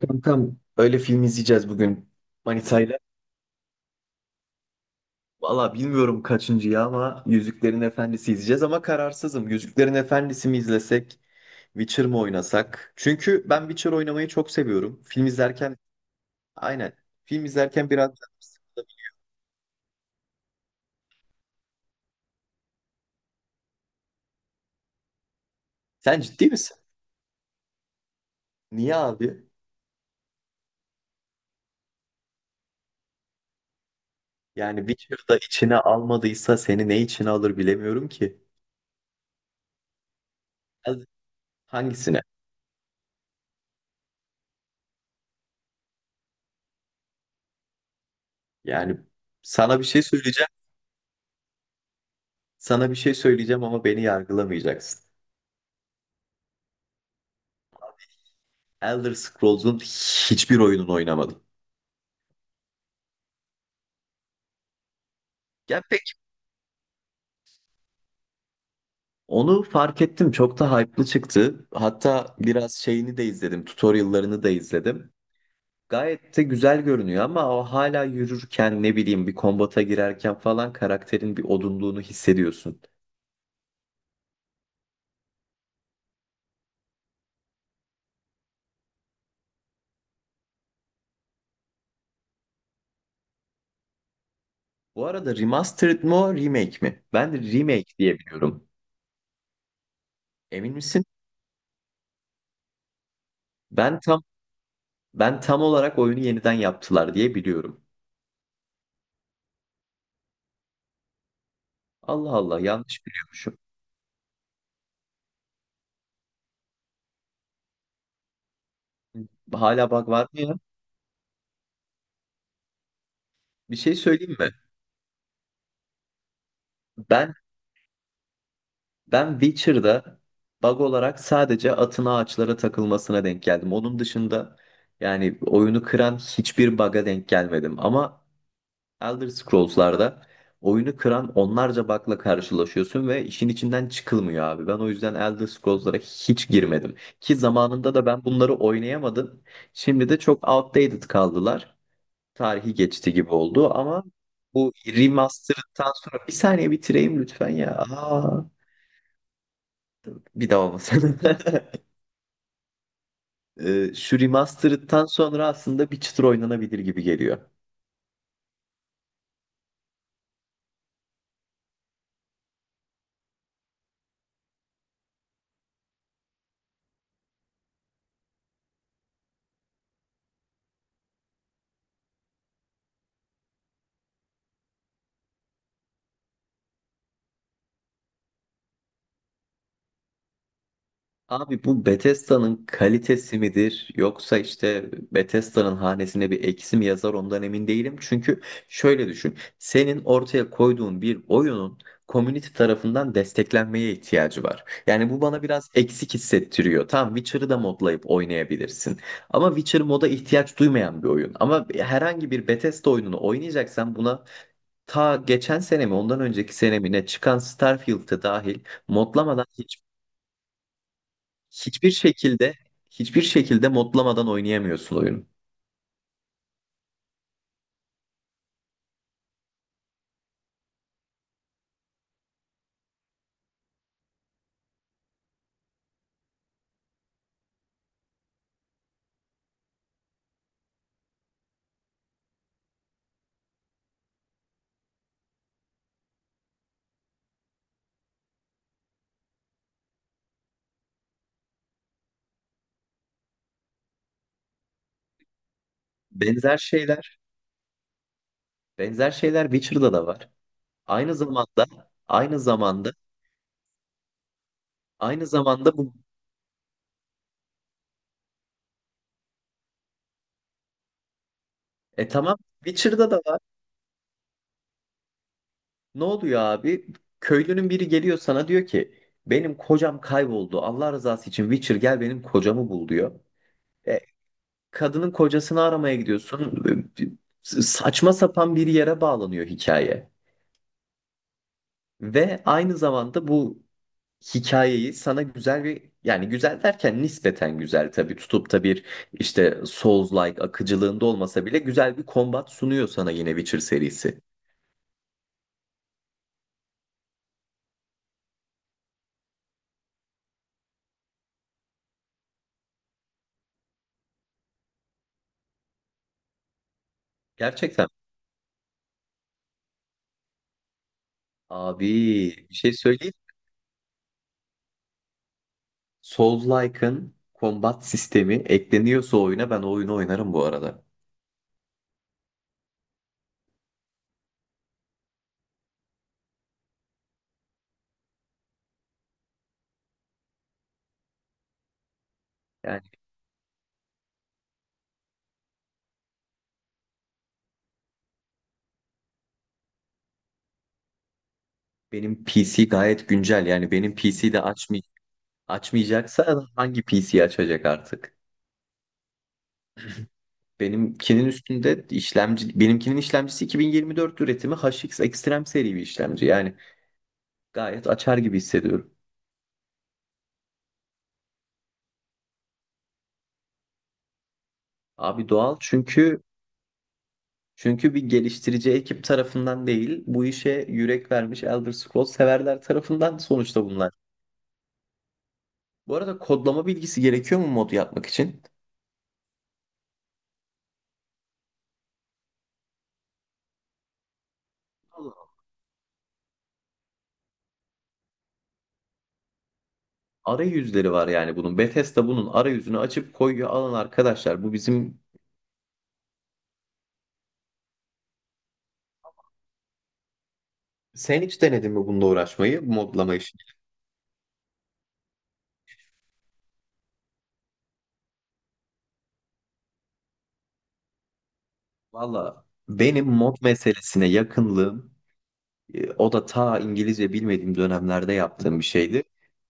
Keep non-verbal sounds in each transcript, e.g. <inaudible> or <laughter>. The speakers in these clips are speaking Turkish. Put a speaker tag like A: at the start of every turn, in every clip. A: Tam tam öyle film izleyeceğiz bugün Manitayla. Valla bilmiyorum kaçıncı ya ama Yüzüklerin Efendisi izleyeceğiz ama kararsızım. Yüzüklerin Efendisi mi izlesek, Witcher mı oynasak? Çünkü ben Witcher oynamayı çok seviyorum. Film izlerken aynen. Film izlerken biraz. Sen ciddi misin? Niye abi? Yani Witcher'da içine almadıysa seni ne içine alır bilemiyorum ki. Hadi. Hangisine? Yani sana bir şey söyleyeceğim. Sana bir şey söyleyeceğim ama beni yargılamayacaksın. Elder Scrolls'un hiçbir oyununu oynamadım. Ya pek onu fark ettim. Çok da hype'lı çıktı. Hatta biraz şeyini de izledim. Tutorial'larını da izledim. Gayet de güzel görünüyor ama o hala yürürken ne bileyim bir kombata girerken falan karakterin bir odunluğunu hissediyorsun. Bu arada remastered mı remake mi? Ben remake diye biliyorum. Emin misin? Ben tam Ben tam olarak oyunu yeniden yaptılar diye biliyorum. Allah Allah yanlış biliyormuşum. Hala bug var mı ya? Bir şey söyleyeyim mi? Ben Ben Witcher'da bug olarak sadece atın ağaçlara takılmasına denk geldim. Onun dışında yani oyunu kıran hiçbir bug'a denk gelmedim. Ama Elder Scrolls'larda oyunu kıran onlarca bug'la karşılaşıyorsun ve işin içinden çıkılmıyor abi. Ben o yüzden Elder Scrolls'lara hiç girmedim. Ki zamanında da ben bunları oynayamadım. Şimdi de çok outdated kaldılar. Tarihi geçti gibi oldu ama bu remaster'dan sonra bir saniye bitireyim lütfen ya. Aa. Bir daha olmasın. <laughs> Şu remastered'tan sonra aslında bir çıtır oynanabilir gibi geliyor. Abi bu Bethesda'nın kalitesi midir yoksa işte Bethesda'nın hanesine bir eksi mi yazar ondan emin değilim. Çünkü şöyle düşün. Senin ortaya koyduğun bir oyunun community tarafından desteklenmeye ihtiyacı var. Yani bu bana biraz eksik hissettiriyor. Tamam Witcher'ı da modlayıp oynayabilirsin. Ama Witcher moda ihtiyaç duymayan bir oyun. Ama herhangi bir Bethesda oyununu oynayacaksan buna ta geçen sene mi ondan önceki sene mi ne çıkan Starfield'e dahil modlamadan hiçbir şekilde hiçbir şekilde modlamadan oynayamıyorsun oyunu. Benzer şeyler, Benzer şeyler Witcher'da da var. Aynı zamanda, aynı zamanda, Aynı zamanda bu tamam Witcher'da da var. Ne oluyor abi? Köylünün biri geliyor sana diyor ki benim kocam kayboldu. Allah rızası için Witcher gel benim kocamı bul diyor. E Kadının kocasını aramaya gidiyorsun. Saçma sapan bir yere bağlanıyor hikaye. Ve aynı zamanda bu hikayeyi sana güzel bir yani güzel derken nispeten güzel tabii tutup da bir işte Souls-like akıcılığında olmasa bile güzel bir kombat sunuyor sana yine Witcher serisi. Gerçekten abi bir şey söyleyeyim. Souls-like'ın kombat sistemi ekleniyorsa oyuna ben o oyunu oynarım bu arada. Yani benim PC gayet güncel. Yani benim PC'de açmayacağım. Açmayacaksa hangi PC'yi açacak artık? Benimkinin üstünde işlemci, benimkinin işlemcisi 2024 üretimi HX Extreme seri bir işlemci. Yani gayet açar gibi hissediyorum. Abi doğal çünkü bir geliştirici ekip tarafından değil, bu işe yürek vermiş Elder Scrolls severler tarafından sonuçta bunlar. Bu arada kodlama bilgisi gerekiyor mu mod yapmak için? Allah Allah. Arayüzleri var yani bunun. Bethesda bunun arayüzünü açıp koyuyor. Alın arkadaşlar bu bizim... Sen hiç denedin mi bununla uğraşmayı, modlamayı? Valla benim mod meselesine yakınlığım, o da ta İngilizce bilmediğim dönemlerde yaptığım bir şeydi.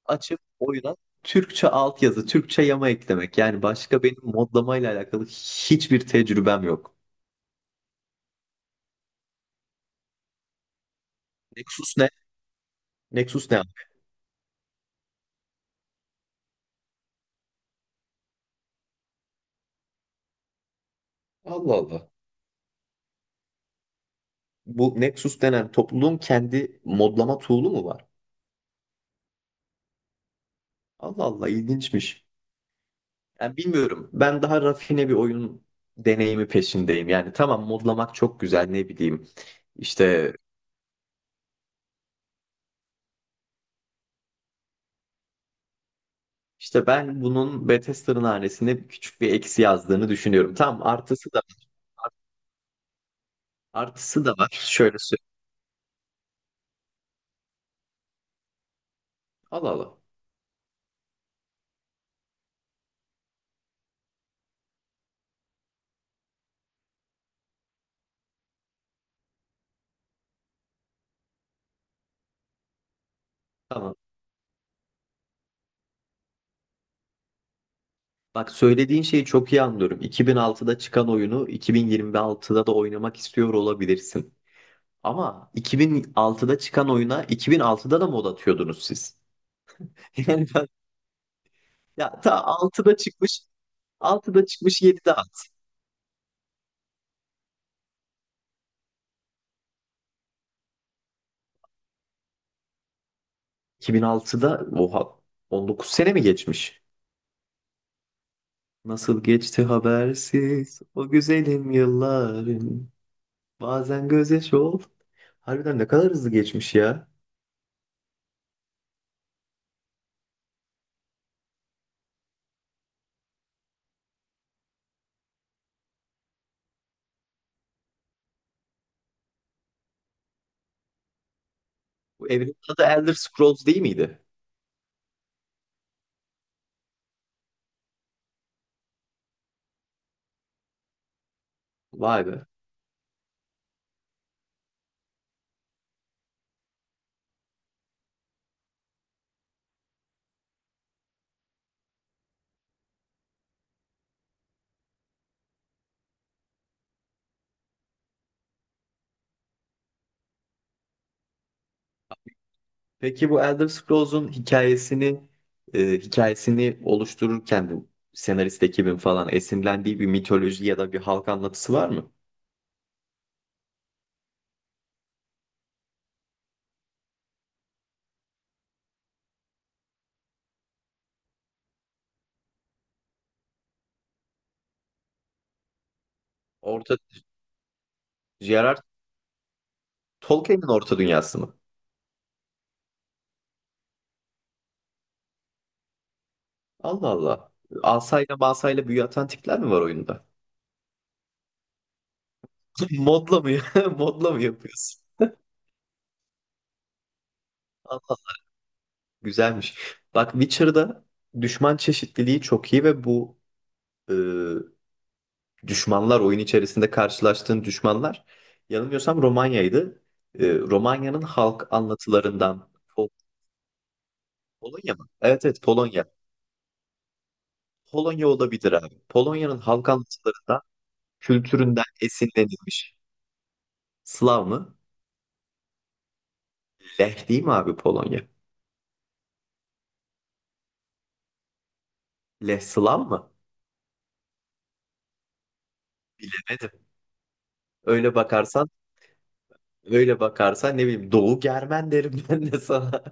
A: Açıp oyuna Türkçe altyazı, Türkçe yama eklemek. Yani başka benim modlamayla alakalı hiçbir tecrübem yok. Nexus ne? Nexus ne, abi? Allah Allah. Bu Nexus denen topluluğun kendi modlama tool'u mu var? Allah Allah ilginçmiş. Yani bilmiyorum. Ben daha rafine bir oyun deneyimi peşindeyim. Yani tamam modlamak çok güzel ne bileyim. İşte İşte ben bunun Bethesda'nın hanesine küçük bir eksi yazdığını düşünüyorum. Tam artısı da var. Şöyle söyleyeyim. Allah Allah. Tamam. Bak söylediğin şeyi çok iyi anlıyorum. 2006'da çıkan oyunu 2026'da da oynamak istiyor olabilirsin. Ama 2006'da çıkan oyuna 2006'da da mod atıyordunuz siz. <laughs> Yani ben, ya ta 6'da çıkmış 7'de at. 2006'da oha 19 sene mi geçmiş? Nasıl geçti habersiz o güzelim yıllarım. Bazen gözyaşı ol. Harbiden ne kadar hızlı geçmiş ya. Bu evrenin adı Elder Scrolls değil miydi? Vay be. Peki bu Elder Scrolls'un hikayesini oluştururken bu senarist ekibin falan esinlendiği bir mitoloji ya da bir halk anlatısı var mı? Orta J.R.R. Tolkien'in Orta Dünyası mı? Allah Allah. Asayla masayla büyü atan tipler mi var oyunda? <laughs> Modla mı? <laughs> Modla mı yapıyorsun? Güzelmiş. Bak Witcher'da düşman çeşitliliği çok iyi ve bu e, düşmanlar oyun içerisinde karşılaştığın düşmanlar yanılmıyorsam Romanya'ydı. Romanya'nın halk anlatılarından Pol- Polonya mı? Evet evet Polonya. Polonya olabilir abi. Polonya'nın halk anlatılarından kültüründen esinlenilmiş. Slav mı? Leh değil mi abi Polonya? Leh Slav mı? Bilemedim. Öyle bakarsan Öyle bakarsan ne bileyim Doğu Germen derim <laughs> ben de sana.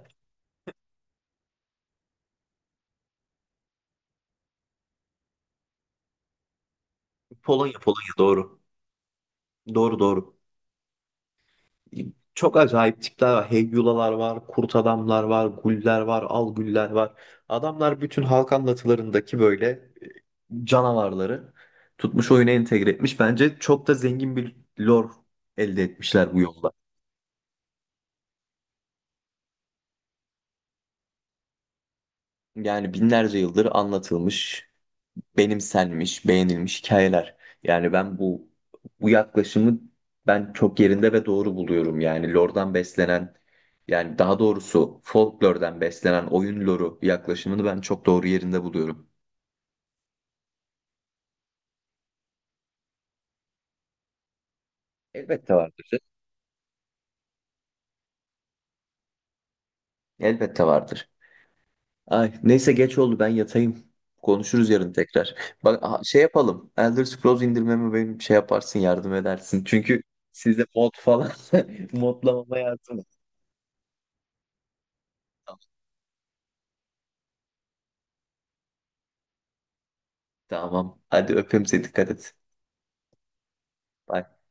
A: <laughs> Polonya, Polonya doğru. Doğru doğru. Çok acayip tipler var. Heyyulalar var, kurt adamlar var, guller var, al güller var. Adamlar bütün halk anlatılarındaki böyle canavarları tutmuş oyuna entegre etmiş. Bence çok da zengin bir lore elde etmişler bu yolda. Yani binlerce yıldır anlatılmış benimsenmiş, beğenilmiş hikayeler. Yani ben bu yaklaşımı ben çok yerinde ve doğru buluyorum. Yani lore'dan beslenen yani daha doğrusu folklor'dan beslenen oyun lore'u yaklaşımını ben çok doğru yerinde buluyorum. Elbette vardır. Elbette vardır. Ay, neyse geç oldu ben yatayım. Konuşuruz yarın tekrar. Bak aha, şey yapalım. Elder Scrolls indirmemi benim şey yaparsın yardım edersin. Çünkü size mod falan <laughs> modlamama yardım et. Tamam. Hadi öpeyim seni dikkat et. Bay